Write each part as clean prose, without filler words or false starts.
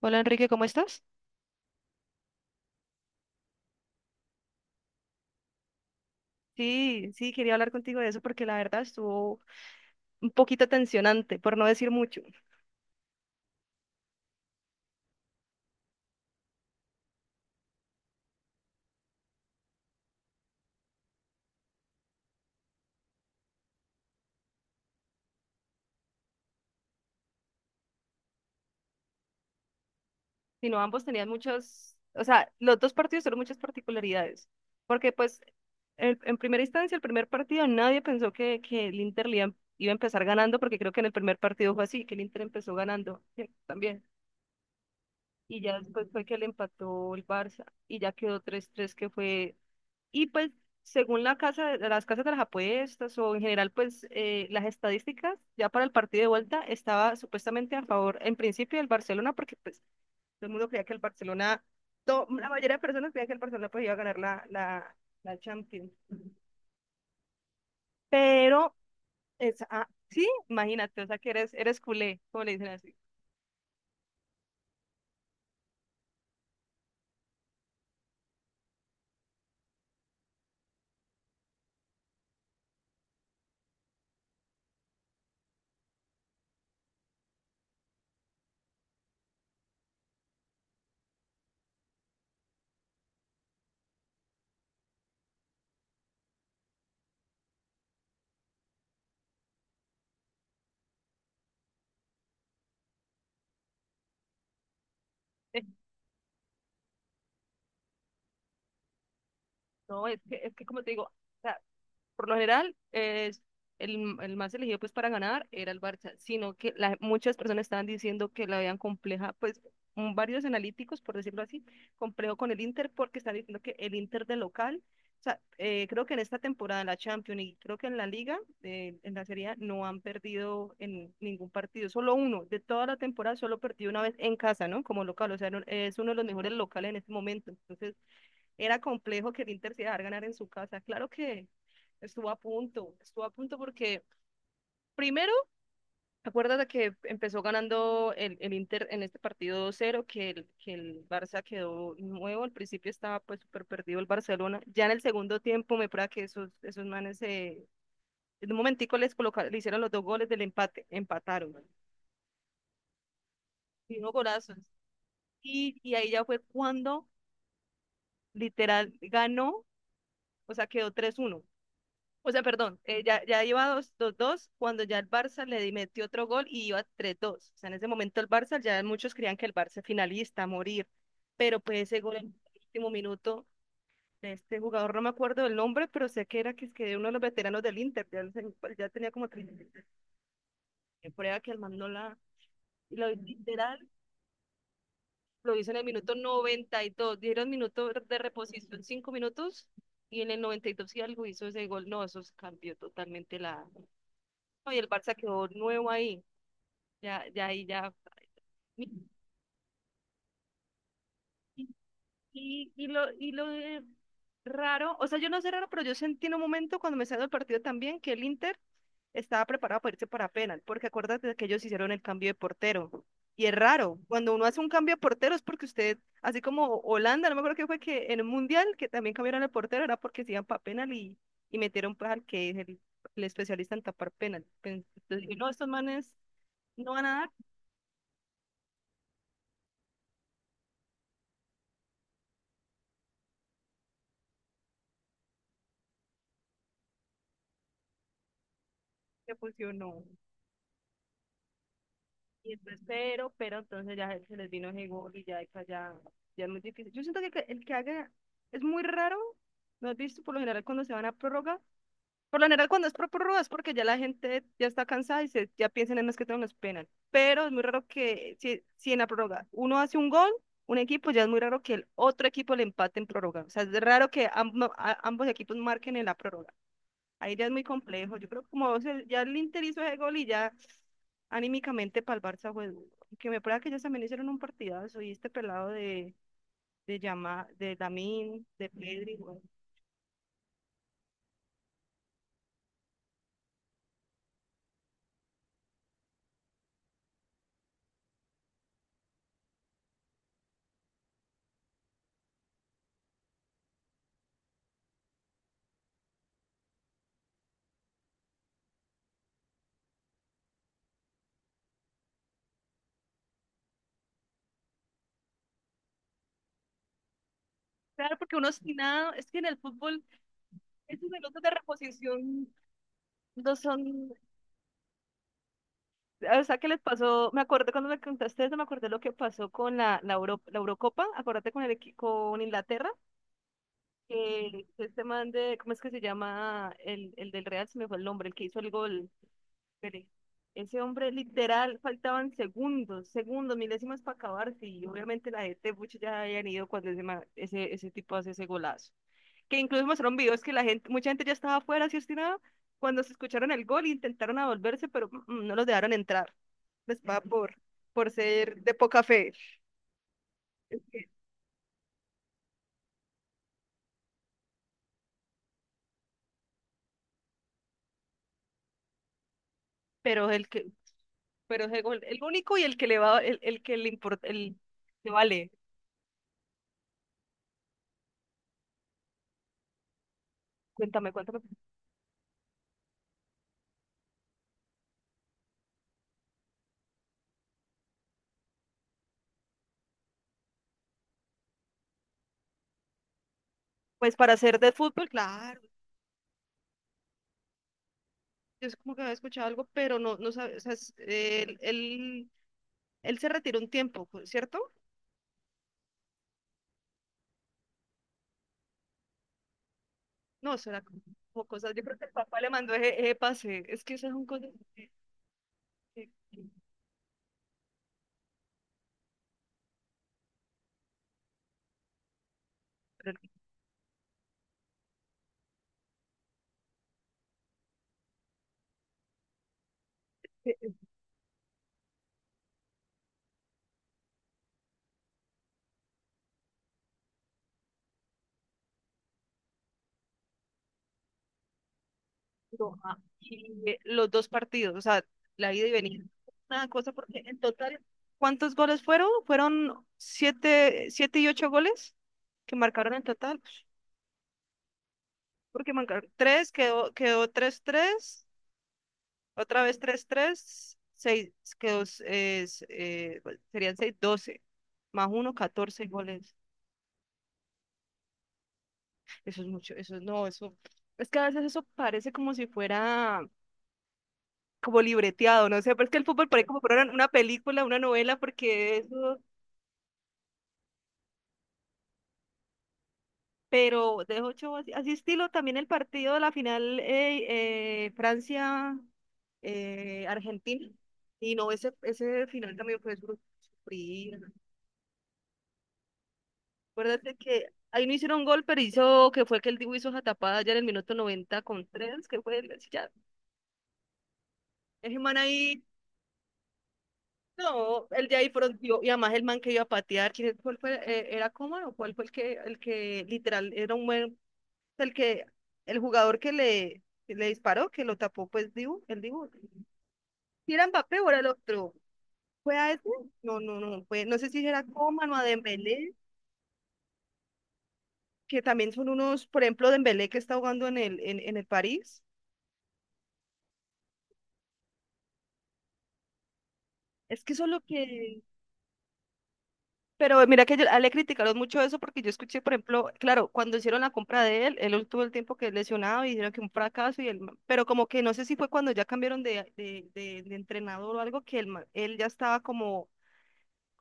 Hola Enrique, ¿cómo estás? Sí, sí, quería hablar contigo de eso porque la verdad estuvo un poquito tensionante, por no decir mucho. Sino ambos tenían muchos, o sea, los dos partidos tuvieron muchas particularidades. Porque pues en primera instancia, el primer partido, nadie pensó que el Inter iba a empezar ganando porque creo que en el primer partido fue así, que el Inter empezó ganando sí, también. Y ya después fue que le empató el Barça y ya quedó 3-3 que fue. Y pues según la casa, las casas de las apuestas o en general pues las estadísticas, ya para el partido de vuelta estaba supuestamente a favor en principio del Barcelona porque pues todo el mundo creía que el Barcelona, la mayoría de personas creían que el Barcelona pues iba a ganar la Champions. Pero, sí, imagínate, o sea que eres culé, como le dicen así. No, es que como te digo, o sea, por lo general, es el más elegido pues para ganar era el Barça, sino que muchas personas estaban diciendo que la veían compleja, pues varios analíticos, por decirlo así, complejo con el Inter porque están diciendo que el Inter de local, o sea, creo que en esta temporada en la Champions y creo que en la Liga, en la Serie A, no han perdido en ningún partido, solo uno, de toda la temporada solo perdido una vez en casa, ¿no? Como local, o sea, es uno de los mejores locales en este momento, entonces era complejo que el Inter se dejara ganar en su casa. Claro que estuvo a punto porque primero, acuérdate que empezó ganando el Inter en este partido 2-0, que el, Barça quedó nuevo, al principio estaba pues súper perdido el Barcelona. Ya en el segundo tiempo me prueba que esos manes en un momentico les colocaron, le hicieron los dos goles del empate, empataron, man, y unos golazos, y ahí ya fue cuando literal ganó, o sea, quedó 3-1. O sea, perdón, ya iba 2-2 cuando ya el Barça le metió otro gol y iba 3-2. O sea, en ese momento el Barça, ya muchos creían que el Barça es finalista, a morir. Pero pues ese gol en el último minuto, de este jugador, no me acuerdo del nombre, pero sé que era que, es que uno de los veteranos del Inter, ya, no sé, ya tenía como 30, prueba que el man no la... Y lo, literal, lo hizo en el minuto 92. Dieron minuto de reposición, 5 minutos, y en el 92 y algo hizo ese gol. No, eso cambió totalmente la. Y el Barça quedó nuevo ahí. Ya, ya, y ya. Y, y lo de raro, o sea, yo no sé raro, pero yo sentí en un momento, cuando me salió el partido también, que el Inter estaba preparado para irse para penal, porque acuérdate de que ellos hicieron el cambio de portero. Y es raro, cuando uno hace un cambio de portero es porque usted, así como Holanda, no me acuerdo qué fue, que en el Mundial, que también cambiaron el portero, era porque se iban para penal, y metieron pues al que es el especialista en tapar penal. Entonces, dije, no, estos manes no van a dar, que funcionó. Y después, pero entonces ya se les vino ese gol y ya, esa ya, ya es muy difícil. Yo siento que el que haga es muy raro, ¿no has visto? Por lo general, cuando se van a prórroga, por lo general cuando es prórroga, es porque ya la gente ya está cansada y se, ya piensan en más que todo en los penal. Pero es muy raro que, si en la prórroga uno hace un gol, un equipo, ya es muy raro que el otro equipo le empate en prórroga. O sea, es raro que ambos equipos marquen en la prórroga. Ahí ya es muy complejo. Yo creo que, como o ya el Inter hizo ese gol y ya, anímicamente para el Barça fue duro. Que me prueba que ellos también hicieron un partidazo, y este pelado de Yama, de Lamine, de Pedri, güey. Claro, porque uno sin nada, es que en el fútbol esos minutos de reposición no son, o sea, ¿qué les pasó? Me acuerdo cuando me contaste eso, me acordé lo que pasó con la Eurocopa, acuérdate con el con Inglaterra, que este man de, ¿cómo es que se llama? El del Real, se me fue el nombre, el que hizo el gol. Pérez. Ese hombre literal, faltaban segundos, segundos, milésimas para acabarse, y obviamente la gente mucho ya habían ido cuando ese, ese, tipo hace ese golazo. Que incluso mostraron videos que la gente, mucha gente ya estaba afuera, así obstinada, cuando se escucharon el gol intentaron a volverse, pero no los dejaron entrar. Les va por, ser de poca fe. Es que- Pero el que, pero ese gol, el único, y el que le va, el que le importa, el que vale. Cuéntame, cuéntame. Pues para ser de fútbol, claro. Yo es como que había escuchado algo, pero no, no sabes, o sea, él, él se retiró un tiempo, ¿cierto? No, eso era como cosas, yo creo que el papá le mandó ese, ese pase, es que esas son cosas que- que- pero pero, ah, y, los dos partidos, o sea, la ida y venida, una cosa, porque en total, ¿cuántos goles fueron? ¿Fueron siete, siete y ocho goles que marcaron en total? Porque marcaron tres, quedó, quedó 3-3. Otra vez tres tres seis, que es, bueno, serían 6 12 más uno 14 goles. Eso es mucho, no, eso. Es que a veces eso parece como si fuera como libreteado, no sé, pero es que el fútbol parece como fuera una película, una novela, porque eso, pero de ocho, así, así estilo también el partido de la final, Francia, Argentina. Y no, ese final también fue sufrir. Acuérdate que ahí no hicieron gol, pero hizo que fue que el Dibu hizo esa tapada allá en el minuto noventa con tres, que fue ya. Ese man ahí, no, el de ahí fronteó, y además el man que iba a patear, ¿quién, cuál fue, era Coman o cuál fue el que literal era un buen, el que, el jugador que le disparó, que lo tapó, pues Dibu, el Dibu. Si era Mbappé o era el otro, ¿fue a ese? No, no, no, fue, no sé si era Coman o a Dembélé, que también son unos, por ejemplo, Dembélé que está jugando en el, en el París. Es que eso es lo que... Pero mira que yo, a él le criticaron mucho eso porque yo escuché, por ejemplo, claro, cuando hicieron la compra de él, él tuvo el tiempo que lesionado y dijeron que un fracaso, y él, pero como que no sé si fue cuando ya cambiaron de, de entrenador o algo, que él, él ya estaba como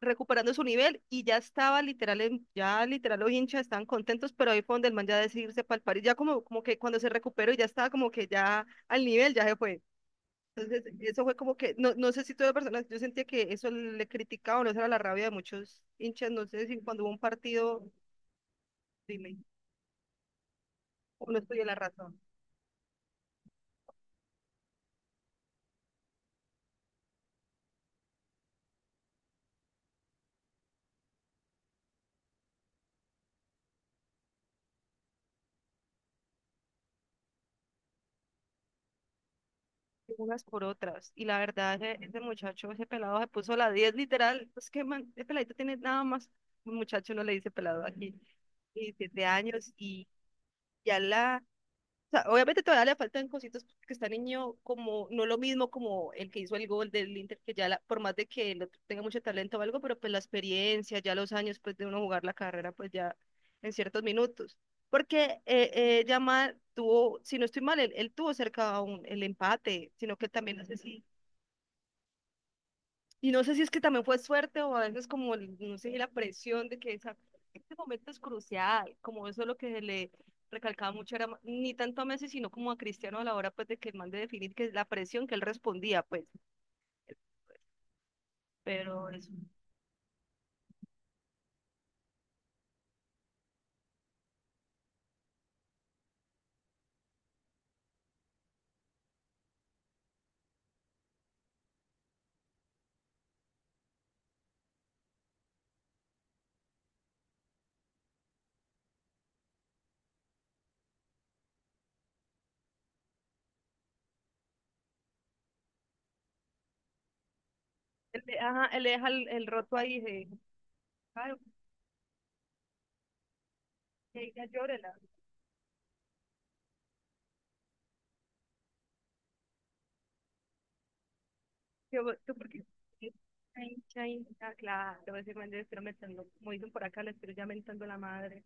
recuperando su nivel y ya estaba literal, ya literal los hinchas estaban contentos, pero ahí fue donde el man ya decidirse para el París, ya como, como que cuando se recuperó y ya estaba como que ya al nivel, ya se fue. Entonces, eso fue como que, no, no sé si todas las personas, yo sentía que eso le criticaban, no, esa era la rabia de muchos hinchas, no sé si cuando hubo un partido, dime, o no estudié la razón, unas por otras. Y la verdad, ese muchacho, ese pelado se puso la 10 literal, pues que man, ese peladito tiene nada más, un muchacho no le dice pelado aquí, y siete años, y ya la, sea, obviamente todavía le faltan cositas porque está niño como, no lo mismo como el que hizo el gol del Inter, que ya por más de que el otro tenga mucho talento o algo, pero pues la experiencia, ya los años pues de uno jugar la carrera pues ya en ciertos minutos. Porque Yamal tuvo, si no estoy mal, él tuvo cerca un, el empate, sino que también no sé si y no sé si es que también fue suerte o a veces como, el- no sé, la presión de que esa- este momento es crucial, como eso es lo que se le recalcaba mucho, era ma- ni tanto a Messi, sino como a Cristiano a la hora pues de que el man de definir que es la presión que él respondía, pues, pero eso, él, de- ajá, él le deja el roto ahí, de, claro, que ella llórela, yo, tú porque, chain, chain, ah, claro, ese man debe estar metiendo, como dicen por acá, le estoy ya mentando la madre.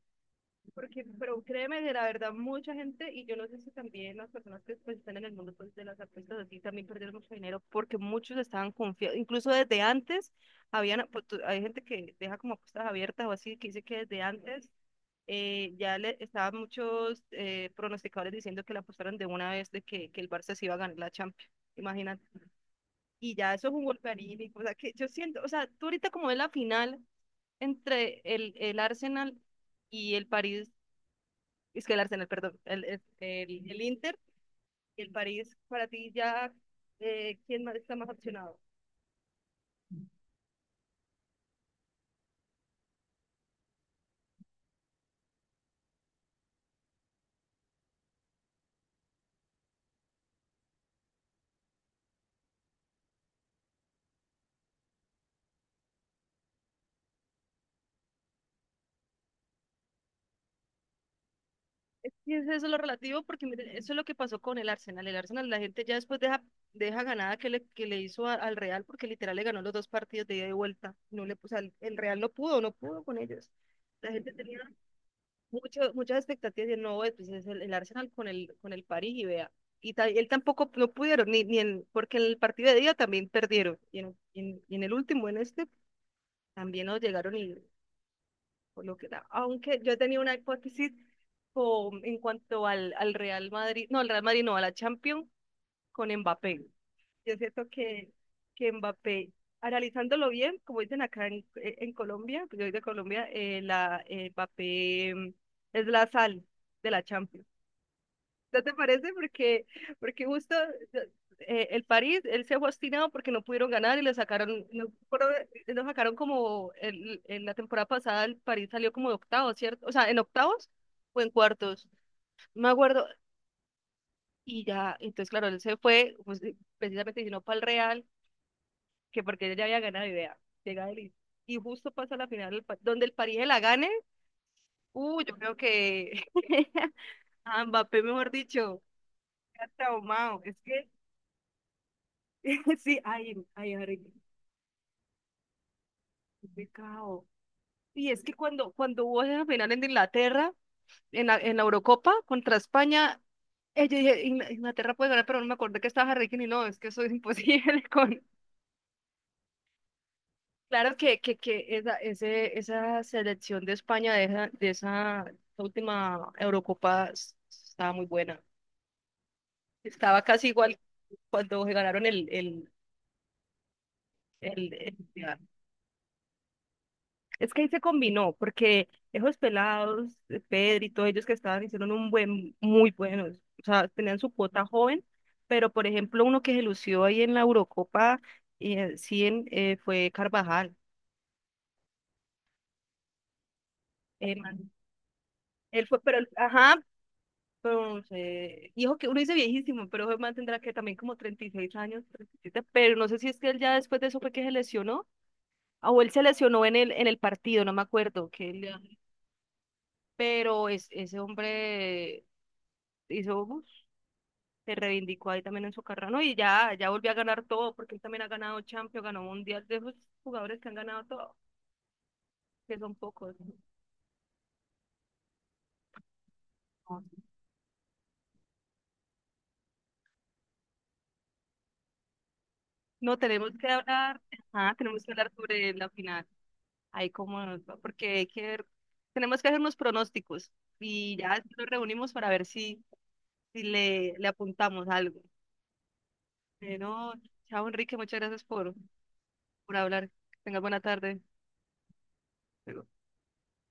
Porque, pero créeme que la verdad, mucha gente, y yo no sé si también las personas que pues, están en el mundo pues, de las apuestas así también perdieron mucho dinero porque muchos estaban confiados, incluso desde antes, habían, pues, tú- hay gente que deja como apuestas abiertas o así, que dice que desde antes ya le estaban muchos pronosticadores diciendo que la apostaron de una vez de que el Barça se iba a ganar la Champions, imagínate. Y ya eso es un golpe anímico, o sea, que yo siento, o sea, tú ahorita como es la final entre el Arsenal y el París, es que el Arsenal, perdón, el Inter, el París, para ti ya, ¿quién más está más opcionado? Es que es eso lo relativo, porque mire, eso es lo que pasó con el Arsenal. El Arsenal, la gente ya después deja, deja ganada que le hizo a- al Real, porque literal le ganó los dos partidos de ida y vuelta. No le, o sea, el Real no pudo, no pudo con ellos. La gente tenía mucho, muchas expectativas de no, pues es el Arsenal con el París y vea. Y ta- él tampoco no pudieron, ni, ni en, porque en el partido de ida también perdieron. Y en, y en, y en el último, en este, también nos llegaron y por lo que da- aunque yo tenía una hipótesis con- en cuanto al, al Real Madrid, no, al Real Madrid no, a la Champions con Mbappé. Yo siento que Mbappé, analizándolo bien, como dicen acá en Colombia, pues yo soy de Colombia, la, Mbappé es la sal de la Champions. ¿No te parece? Porque, porque justo el París, él se fue obstinado porque no pudieron ganar y lo sacaron, no, fueron- lo sacaron como el, en la temporada pasada el París salió como de octavos, ¿cierto? O sea, en octavos o en cuartos, no me acuerdo. Y ya, entonces claro, él se fue pues, precisamente sino para el Real, que porque él ya había ganado idea, llega él y justo pasa la final, el Pa- donde el París la gane, yo creo que a Mbappé, mejor dicho, está traumado, es que sí, ay, ay, Ari, qué pecado. Y es que cuando, cuando hubo esa final en Inglaterra, en la Eurocopa contra España, yo dije, "Ingla- Inglaterra puede ganar, pero no me acordé que estaba Harry Kane y no, es que eso es imposible con... Claro que esa, ese, esa selección de España de esa última Eurocopa s- estaba muy buena. Estaba casi igual cuando se ganaron el, el, es que ahí se combinó, porque esos pelados, Pedro y todos ellos que estaban, hicieron un buen, muy buenos. O sea, tenían su cuota joven, pero por ejemplo, uno que se lució ahí en la Eurocopa, sí, en, fue Carvajal. Man, él fue, pero, él- ajá, pues, hijo que uno dice viejísimo, pero ese man tendrá que también como 36 años, 37, pero no sé si es que él ya después de eso fue que se lesionó, ah, o él se lesionó en el partido, no me acuerdo, que él pero es, ese hombre hizo. Uf, se reivindicó ahí también en su carrera, ¿no? Y ya, ya volvió a ganar todo, porque él también ha ganado Champions, ganó Mundial, de esos jugadores que han ganado todo, que son pocos. No, no, tenemos que hablar, ajá, tenemos que hablar sobre la final, ahí como nos va, porque hay que ver- tenemos que hacer unos pronósticos y ya después nos reunimos para ver si, si le, le apuntamos algo. Pero, chao Enrique, muchas gracias por hablar. Que tengas buena tarde.